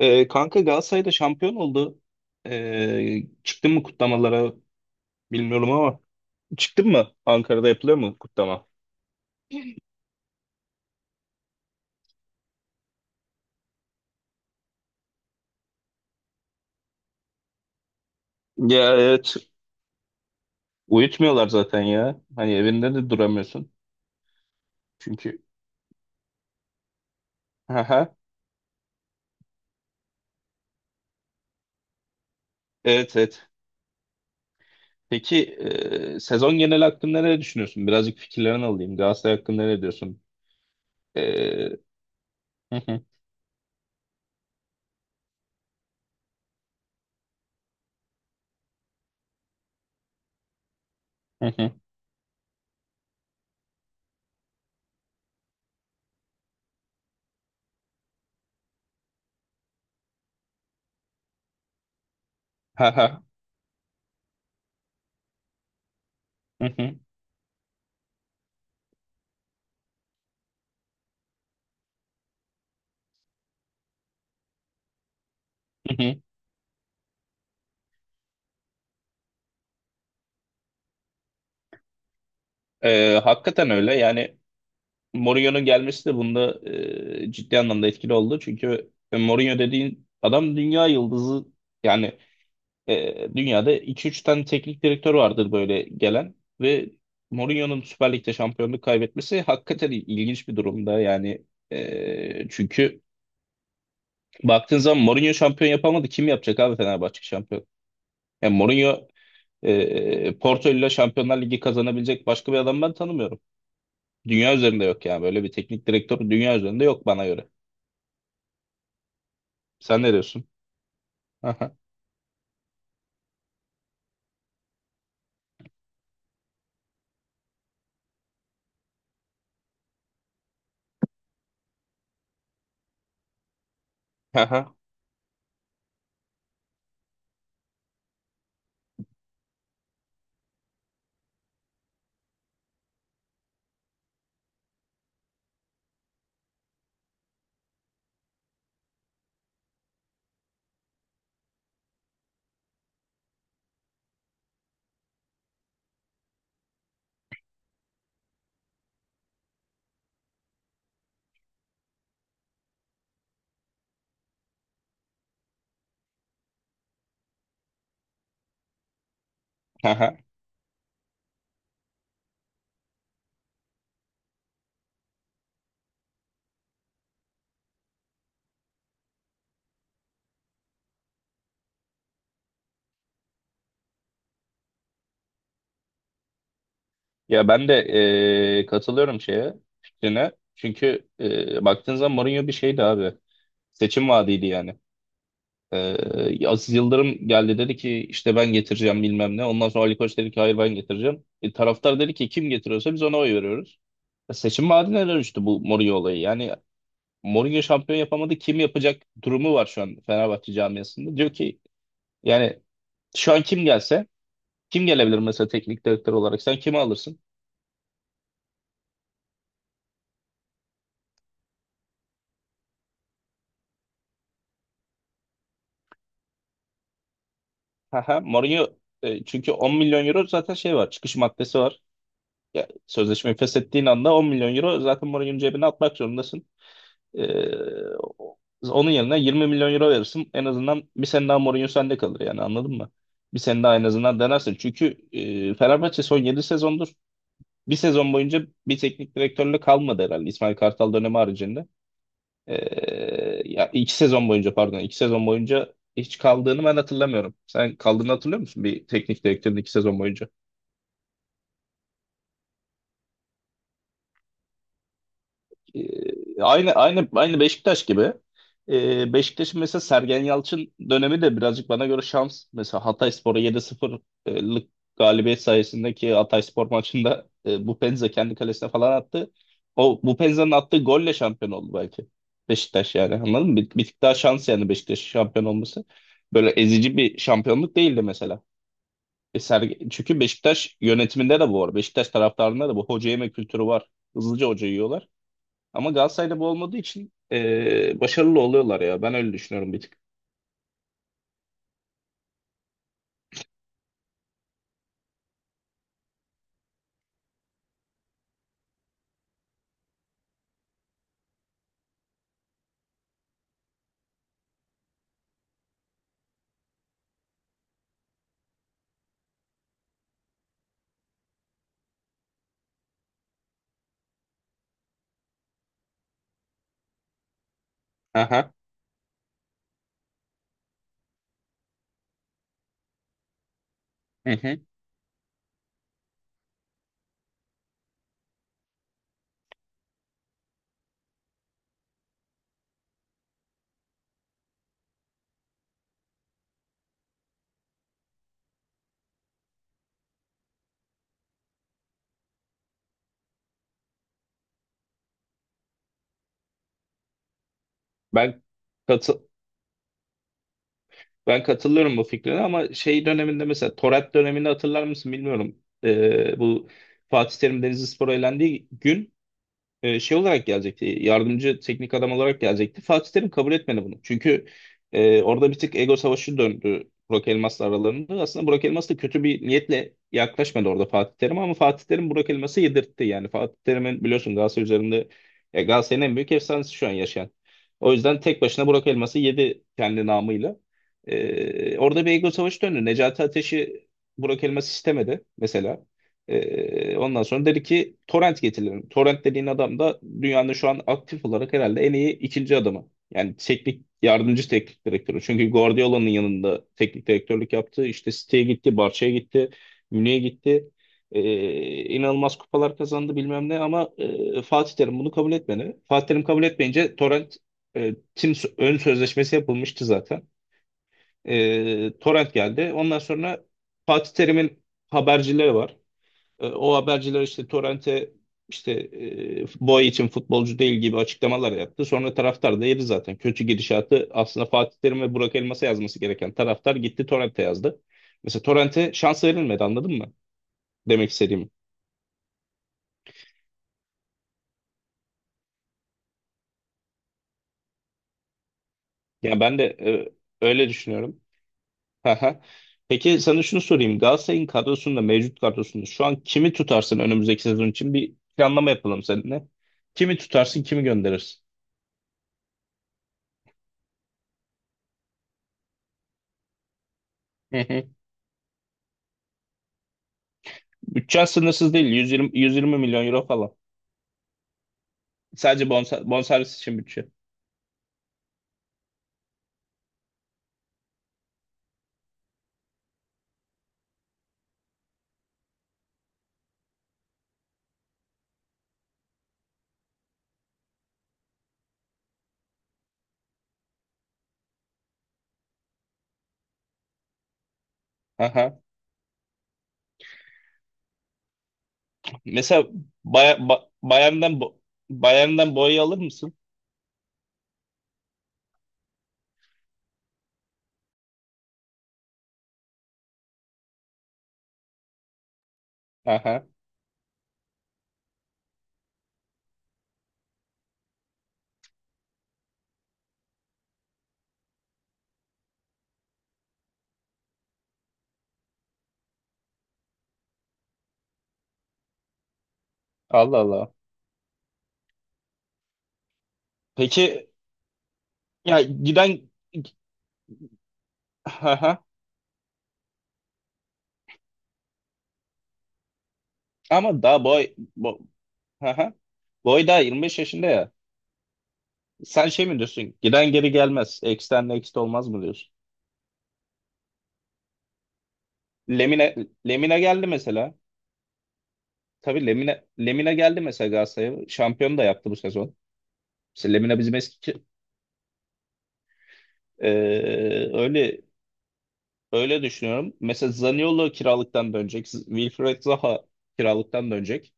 Kanka Galatasaray'da şampiyon oldu. Çıktın mı kutlamalara bilmiyorum ama çıktın mı? Ankara'da yapılıyor mu kutlama? Ya, evet. Uyutmuyorlar zaten ya. Hani evinde de duramıyorsun. Çünkü. Aha, evet, evet. Peki sezon genel hakkında ne düşünüyorsun? Birazcık fikirlerini alayım. Galatasaray hakkında ne diyorsun? Ee, hı hı, hı hı. Ha ha, hı hı, hı hı. Hakikaten öyle. Yani Mourinho'nun gelmesi de bunda ciddi anlamda etkili oldu. Çünkü Mourinho dediğin adam dünya yıldızı yani, dünyada iki üç tane teknik direktör vardır böyle gelen ve Mourinho'nun Süper Lig'de şampiyonluk kaybetmesi hakikaten ilginç bir durumda. Yani, çünkü baktığın zaman Mourinho şampiyon yapamadı. Kim yapacak abi Fenerbahçe şampiyon? Yani Mourinho, Porto ile Şampiyonlar Ligi kazanabilecek başka bir adam ben tanımıyorum. Dünya üzerinde yok, yani böyle bir teknik direktör dünya üzerinde yok bana göre. Sen ne diyorsun? Aha, aha, aha. Ya ben de katılıyorum şeye, fikrine. Çünkü baktığın zaman Mourinho bir şeydi abi. Seçim vaadiydi yani. Aziz Yıldırım geldi, dedi ki işte ben getireceğim bilmem ne. Ondan sonra Ali Koç dedi ki hayır ben getireceğim. Taraftar dedi ki kim getiriyorsa biz ona oy veriyoruz. Seçim vaadine dönüştü bu Mourinho olayı. Yani Mourinho şampiyon yapamadı kim yapacak durumu var şu an Fenerbahçe camiasında. Diyor ki yani şu an kim gelse, kim gelebilir mesela teknik direktör olarak? Sen kimi alırsın? Haha, Mourinho, çünkü 10 milyon euro zaten şey var. Çıkış maddesi var. Ya, sözleşmeyi feshettiğin anda 10 milyon euro zaten Mourinho'nun cebine atmak zorundasın. E, o- Onun yerine 20 milyon euro verirsin. En azından bir sene daha Mourinho sende kalır yani, anladın mı? Bir sene daha en azından denersin. Çünkü Fenerbahçe son 7 sezondur bir sezon boyunca bir teknik direktörle kalmadı herhalde, İsmail Kartal dönemi haricinde. Ya 2 sezon boyunca, pardon, 2 sezon boyunca hiç kaldığını ben hatırlamıyorum. Sen kaldığını hatırlıyor musun bir teknik direktörün 2 sezon boyunca? Aynı Beşiktaş gibi. Beşiktaş'ın mesela Sergen Yalçın dönemi de birazcık bana göre şans. Mesela Hatayspor'a 7-0'lık galibiyet sayesindeki Hatayspor maçında, Bupenza kendi kalesine falan attı. O Bupenza'nın attığı golle şampiyon oldu belki Beşiktaş, yani anladın mı? Bir tık daha şans yani Beşiktaş'ın şampiyon olması. Böyle ezici bir şampiyonluk değildi mesela. Çünkü Beşiktaş yönetiminde de bu var. Beşiktaş taraftarında da bu hoca yeme kültürü var. Hızlıca hoca yiyorlar. Ama Galatasaray'da bu olmadığı için başarılı oluyorlar ya. Ben öyle düşünüyorum bir tık. Aha. Hı hı. Ben katı Ben katılıyorum bu fikrine ama şey döneminde, mesela Torat döneminde, hatırlar mısın bilmiyorum. Bu Fatih Terim Denizlispor'a elendiği gün şey olarak gelecekti. Yardımcı teknik adam olarak gelecekti. Fatih Terim kabul etmedi bunu. Çünkü orada bir tık ego savaşı döndü Burak Elmas'la aralarında. Aslında Burak Elmas da kötü bir niyetle yaklaşmadı orada Fatih Terim'e, ama Fatih Terim Burak Elmas'ı yedirtti. Yani Fatih Terim'in, biliyorsun, Galatasaray üzerinde, Galatasaray'ın en büyük efsanesi şu an yaşayan. O yüzden tek başına Burak Elmas'ı yedi kendi namıyla. Orada bir ego savaşı döndü. Necati Ateş'i Burak Elmas istemedi mesela. Ondan sonra dedi ki torrent getirelim. Torrent dediğin adam da dünyanın şu an aktif olarak herhalde en iyi ikinci adamı. Yani teknik, yardımcı teknik direktörü. Çünkü Guardiola'nın yanında teknik direktörlük yaptı. İşte City'ye gitti, Barça'ya gitti, Münih'e gitti. İnanılmaz kupalar kazandı bilmem ne, ama Fatih Terim bunu kabul etmedi. Fatih Terim kabul etmeyince Torrent e, tim ön sözleşmesi yapılmıştı zaten. Torrent geldi. Ondan sonra Fatih Terim'in habercileri var. O haberciler işte Torrent'e, işte, boy için futbolcu değil gibi açıklamalar yaptı. Sonra taraftar da yedi zaten. Kötü gidişatı aslında Fatih Terim ve Burak Elmas'a yazması gereken taraftar gitti Torrent'e yazdı. Mesela Torrent'e şans verilmedi, anladın mı? Demek istediğim. Yani ben de öyle düşünüyorum. Haha. Peki sana şunu sorayım. Galatasaray'ın kadrosunda, mevcut kadrosunda şu an kimi tutarsın önümüzdeki sezon için? Bir planlama yapalım seninle. Kimi tutarsın, kimi gönderirsin? Hı hı. Bütçen sınırsız değil. 120, 120 milyon euro falan. Sadece bonservis için bütçe. Aha. Mesela Bay ba Bayern'den bo Bayern'den boya alır mısın? Aha. Allah Allah. Peki ya giden. Aha. Ama daha boy bo aha. Boy daha 25 yaşında ya. Sen şey mi diyorsun? Giden geri gelmez. X'ten next olmaz mı diyorsun? Lemine Lemine geldi mesela. Tabii Lemine geldi mesela Galatasaray'a. Şampiyon da yaptı bu sezon. Mesela Lemine bizim eski. eee, öyle Öyle düşünüyorum. Mesela Zaniolo kiralıktan dönecek. Wilfried Zaha kiralıktan dönecek.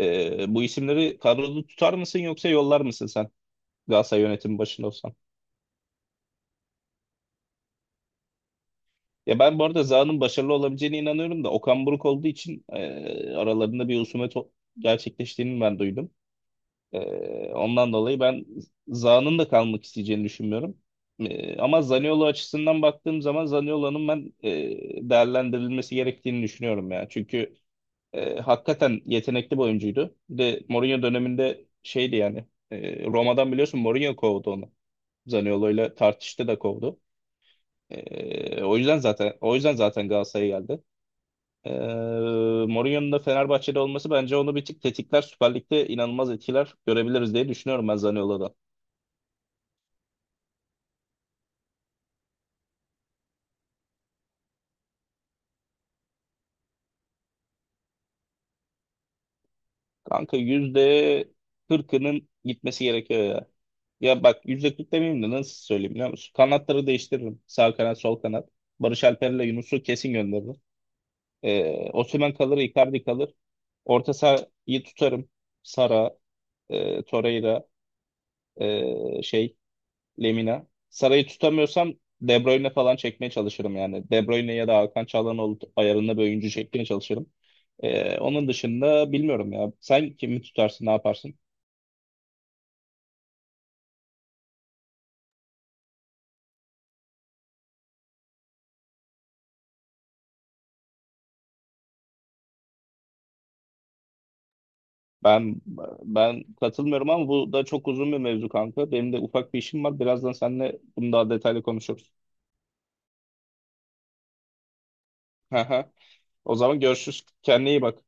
Bu isimleri kadroda tutar mısın yoksa yollar mısın sen Galatasaray yönetimi başında olsan? Ya ben bu arada Zaha'nın başarılı olabileceğine inanıyorum da, Okan Buruk olduğu için aralarında bir husumet gerçekleştiğini ben duydum. E, Ondan dolayı ben Zaha'nın da kalmak isteyeceğini düşünmüyorum. Ama Zaniolo açısından baktığım zaman, Zaniolo'nun ben değerlendirilmesi gerektiğini düşünüyorum ya. Çünkü hakikaten yetenekli bir oyuncuydu. Bir de Mourinho döneminde şeydi yani. Roma'dan biliyorsun Mourinho kovdu onu. Zaniolo ile tartıştı da kovdu. O yüzden zaten Galatasaray'a geldi. E, Mourinho'nun da Fenerbahçe'de olması bence onu bir tık tetikler. Süper Lig'de inanılmaz etkiler görebiliriz diye düşünüyorum ben Zaniolo'dan. Kanka %40'ının gitmesi gerekiyor ya. Ya bak, %40 demeyeyim de nasıl söyleyeyim biliyor musun? Kanatları değiştiririm. Sağ kanat, sol kanat. Barış Alper'le Yunus'u kesin gönderirim. Osimhen kalır, Icardi kalır. Orta sahayı tutarım. Sara, Torreira, şey, Lemina. Sara'yı tutamıyorsam De Bruyne falan çekmeye çalışırım yani. De Bruyne ya da Hakan Çalhanoğlu ayarında bir oyuncu çekmeye çalışırım. Onun dışında bilmiyorum ya. Sen kimi tutarsın, ne yaparsın? Ben ben katılmıyorum ama bu da çok uzun bir mevzu kanka. Benim de ufak bir işim var. Birazdan seninle bunu daha detaylı konuşuruz. O zaman görüşürüz. Kendine iyi bak.